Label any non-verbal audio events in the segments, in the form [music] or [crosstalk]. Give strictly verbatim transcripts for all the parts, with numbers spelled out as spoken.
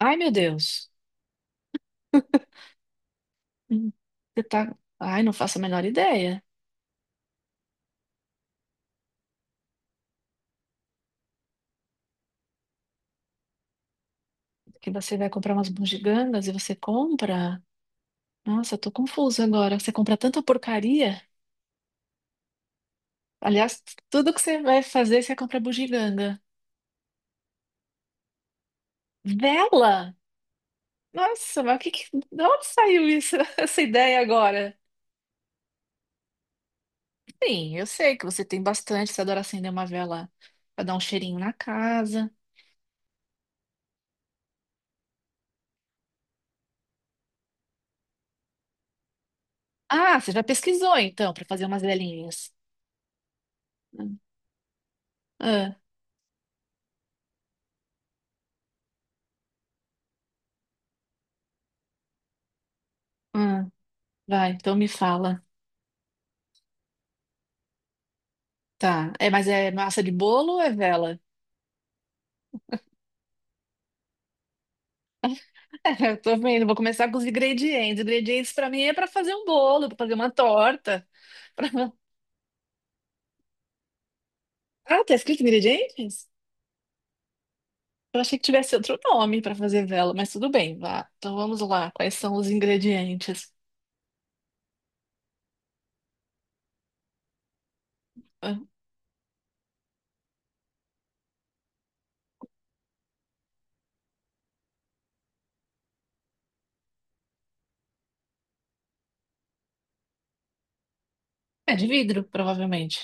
Ai, meu Deus. Hum. Você tá. Ai, não faço a menor ideia. Que você vai comprar umas bugigangas e você compra. Nossa, eu tô confusa agora. Você compra tanta porcaria. Aliás, tudo que você vai fazer, você compra bugiganga. Vela? Nossa, mas o que que... De onde saiu isso, [laughs] essa ideia agora? Sim, eu sei que você tem bastante. Você adora acender uma vela pra dar um cheirinho na casa. Ah, você já pesquisou então, pra fazer umas velinhas. Ah, ah, vai, então me fala. Tá. É, mas é massa de bolo ou é vela? [laughs] É, eu tô vendo. Vou começar com os ingredientes. Ingredientes pra mim é pra fazer um bolo, pra fazer uma torta. [laughs] pra- Ah, tá escrito ingredientes? Eu achei que tivesse outro nome pra fazer vela, mas tudo bem. Vá. Então vamos lá. Quais são os ingredientes? Ah, é de vidro, provavelmente.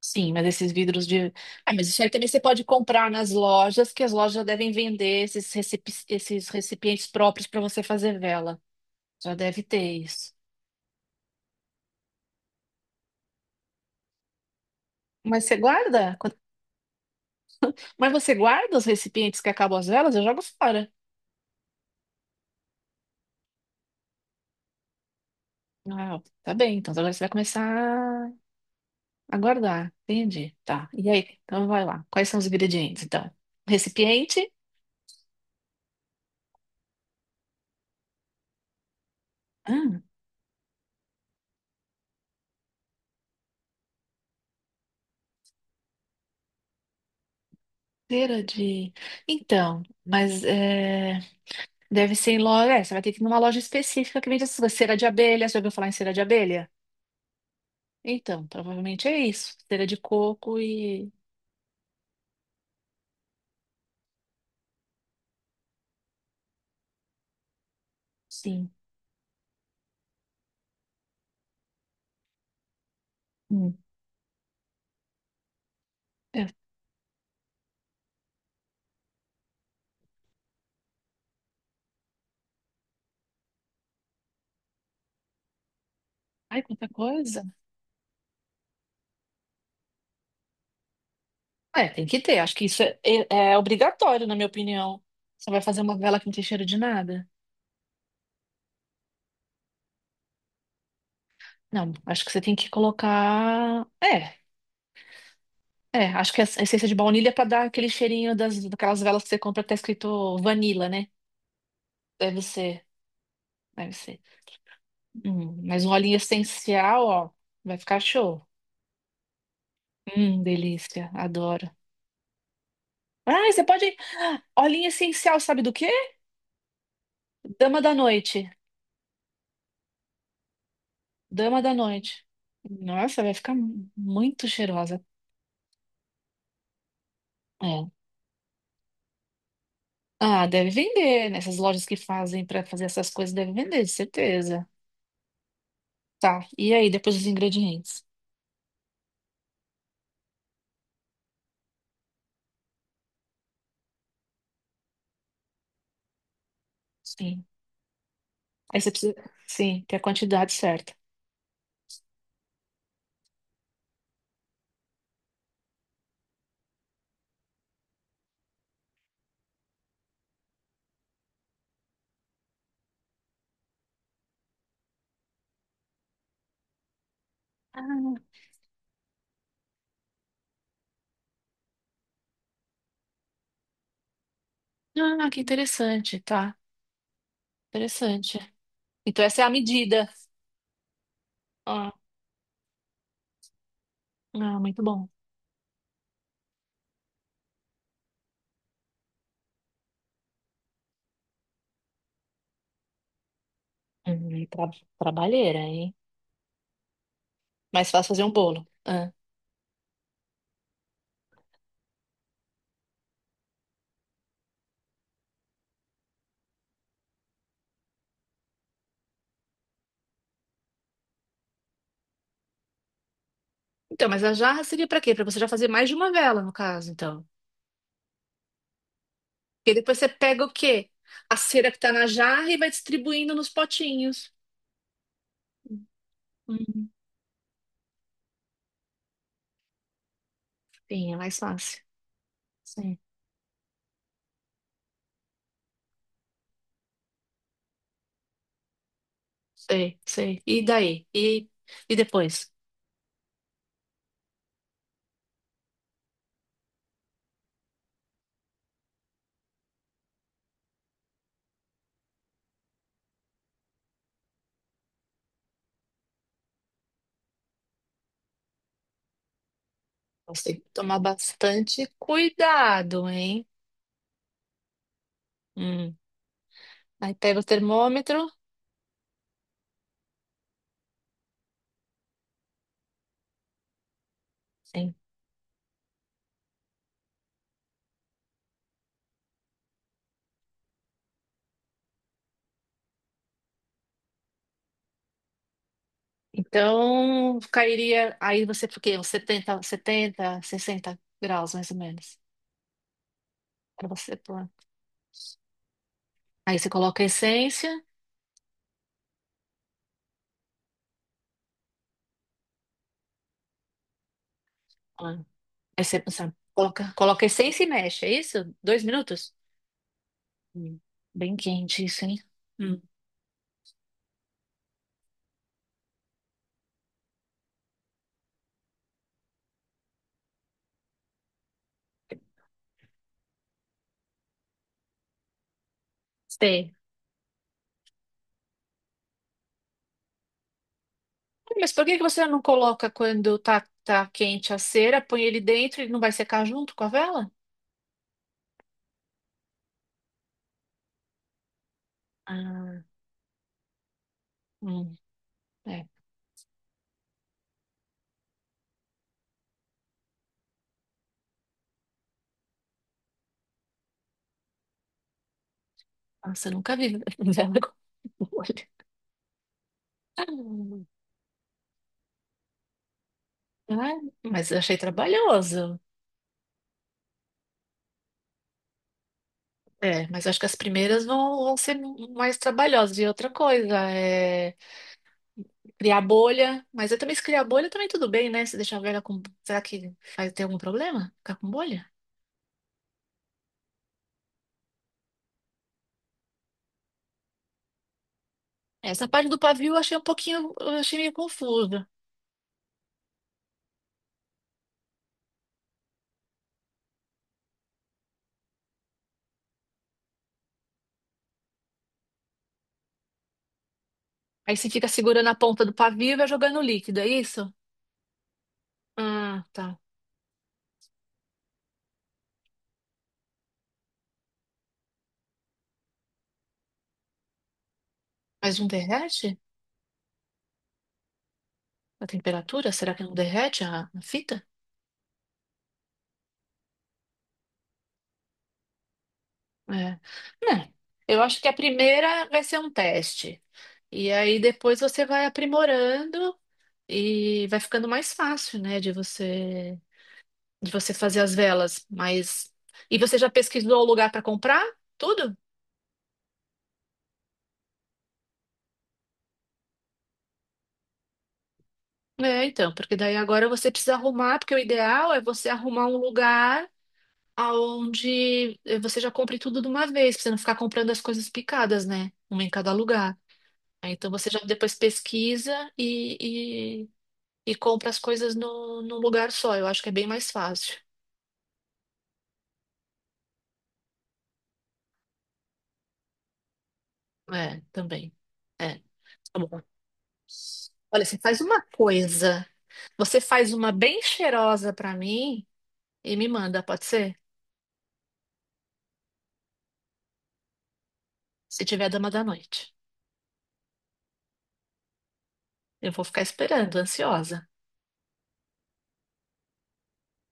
Sim, mas esses vidros de. Ah, mas isso aí também você pode comprar nas lojas, que as lojas já devem vender esses, recep- esses recipientes próprios para você fazer vela. Já deve ter isso. Mas você guarda? Quando- Mas você guarda os recipientes que acabam as velas? Eu jogo fora. Ah, tá bem. Então agora você vai começar a guardar. Entendi. Tá. E aí? Então vai lá. Quais são os ingredientes, então? Recipiente. Ah, cera de. Então, mas é, deve ser em loja. É, você vai ter que ir numa loja específica que vende essas coisas. Cera de abelha. Você já ouviu falar em cera de abelha? Então, provavelmente é isso. Cera de coco e. Sim. Hum. É. Ai, quanta coisa! É, tem que ter. Acho que isso é, é- é obrigatório, na minha opinião. Você vai fazer uma vela que não tem cheiro de nada? Não, acho que você tem que colocar. É, é. Acho que a essência de baunilha é pra dar aquele cheirinho das, daquelas velas que você compra que tá escrito vanilla, né? Deve ser, deve ser. Hum, mas um olhinho essencial, ó, vai ficar show. Hum, delícia, adoro. Ah, você pode. Olhinho essencial, sabe do quê? Dama da noite. Dama da noite. Nossa, vai ficar mu- muito cheirosa. É. Ah, deve vender. Nessas lojas que fazem para fazer essas coisas, deve vender, de certeza. Tá. E aí, depois os ingredientes? Sim. Aí você precisa, sim, ter a quantidade certa. Ah, ah, que interessante, tá. Interessante. Então essa é a medida. Ah, ah, muito bom. Hum, tra- trabalheira, hein? Mais fácil fazer um bolo. Ah. Então, mas a jarra seria pra quê? Pra você já fazer mais de uma vela, no caso, então. Porque depois você pega o quê? A cera que tá na jarra e vai distribuindo nos potinhos. Hum. Sim, é mais fácil. Sim, sei, sei. E daí? E, e depois? Você tem que tomar bastante cuidado, hein? Hum. Aí pega o termômetro. Sim. Então, cairia. Aí você, porque uns setenta 70, sessenta graus, mais ou menos. Pra você pôr. Aí você coloca a essência. Ah, aí você, você coloca, coloca a essência e mexe, é isso? Dois minutos? Hum. Bem quente isso, hein? Hum. Sei. Mas por que que você não coloca quando tá, tá quente a cera, põe ele dentro e não vai secar junto com a vela? Ah, hum, é. Nossa, eu nunca vi [laughs] vela com bolha. Ah, mas eu achei trabalhoso. É, mas acho que as primeiras vão, vão ser mais trabalhosas. E outra coisa, é criar bolha. Mas eu também, se criar bolha, também tudo bem, né? Se deixar a vela com. Será que vai ter algum problema? Ficar com bolha? Essa parte do pavio eu achei um pouquinho. Eu achei meio confuso. Aí você fica segurando a ponta do pavio e vai jogando o líquido, é isso? Ah, tá. Mas não derrete? A temperatura? Será que não derrete a, a fita? É. Não. Eu acho que a primeira vai ser um teste. E aí depois você vai aprimorando e vai ficando mais fácil, né, de você de você fazer as velas, mas e você já pesquisou o lugar para comprar? Tudo? É, então, porque daí agora você precisa arrumar, porque o ideal é você arrumar um lugar aonde eh, você já compre tudo de uma vez, pra você não ficar comprando as coisas picadas, né? Uma em cada lugar. Aí, então você já depois pesquisa e, e, e compra as coisas no, num lugar só. Eu acho que é bem mais fácil. É, também. É. Tá bom. Olha, você faz uma coisa. Você faz uma bem cheirosa pra mim e me manda, pode ser? Se tiver dama da noite. Eu vou ficar esperando, ansiosa.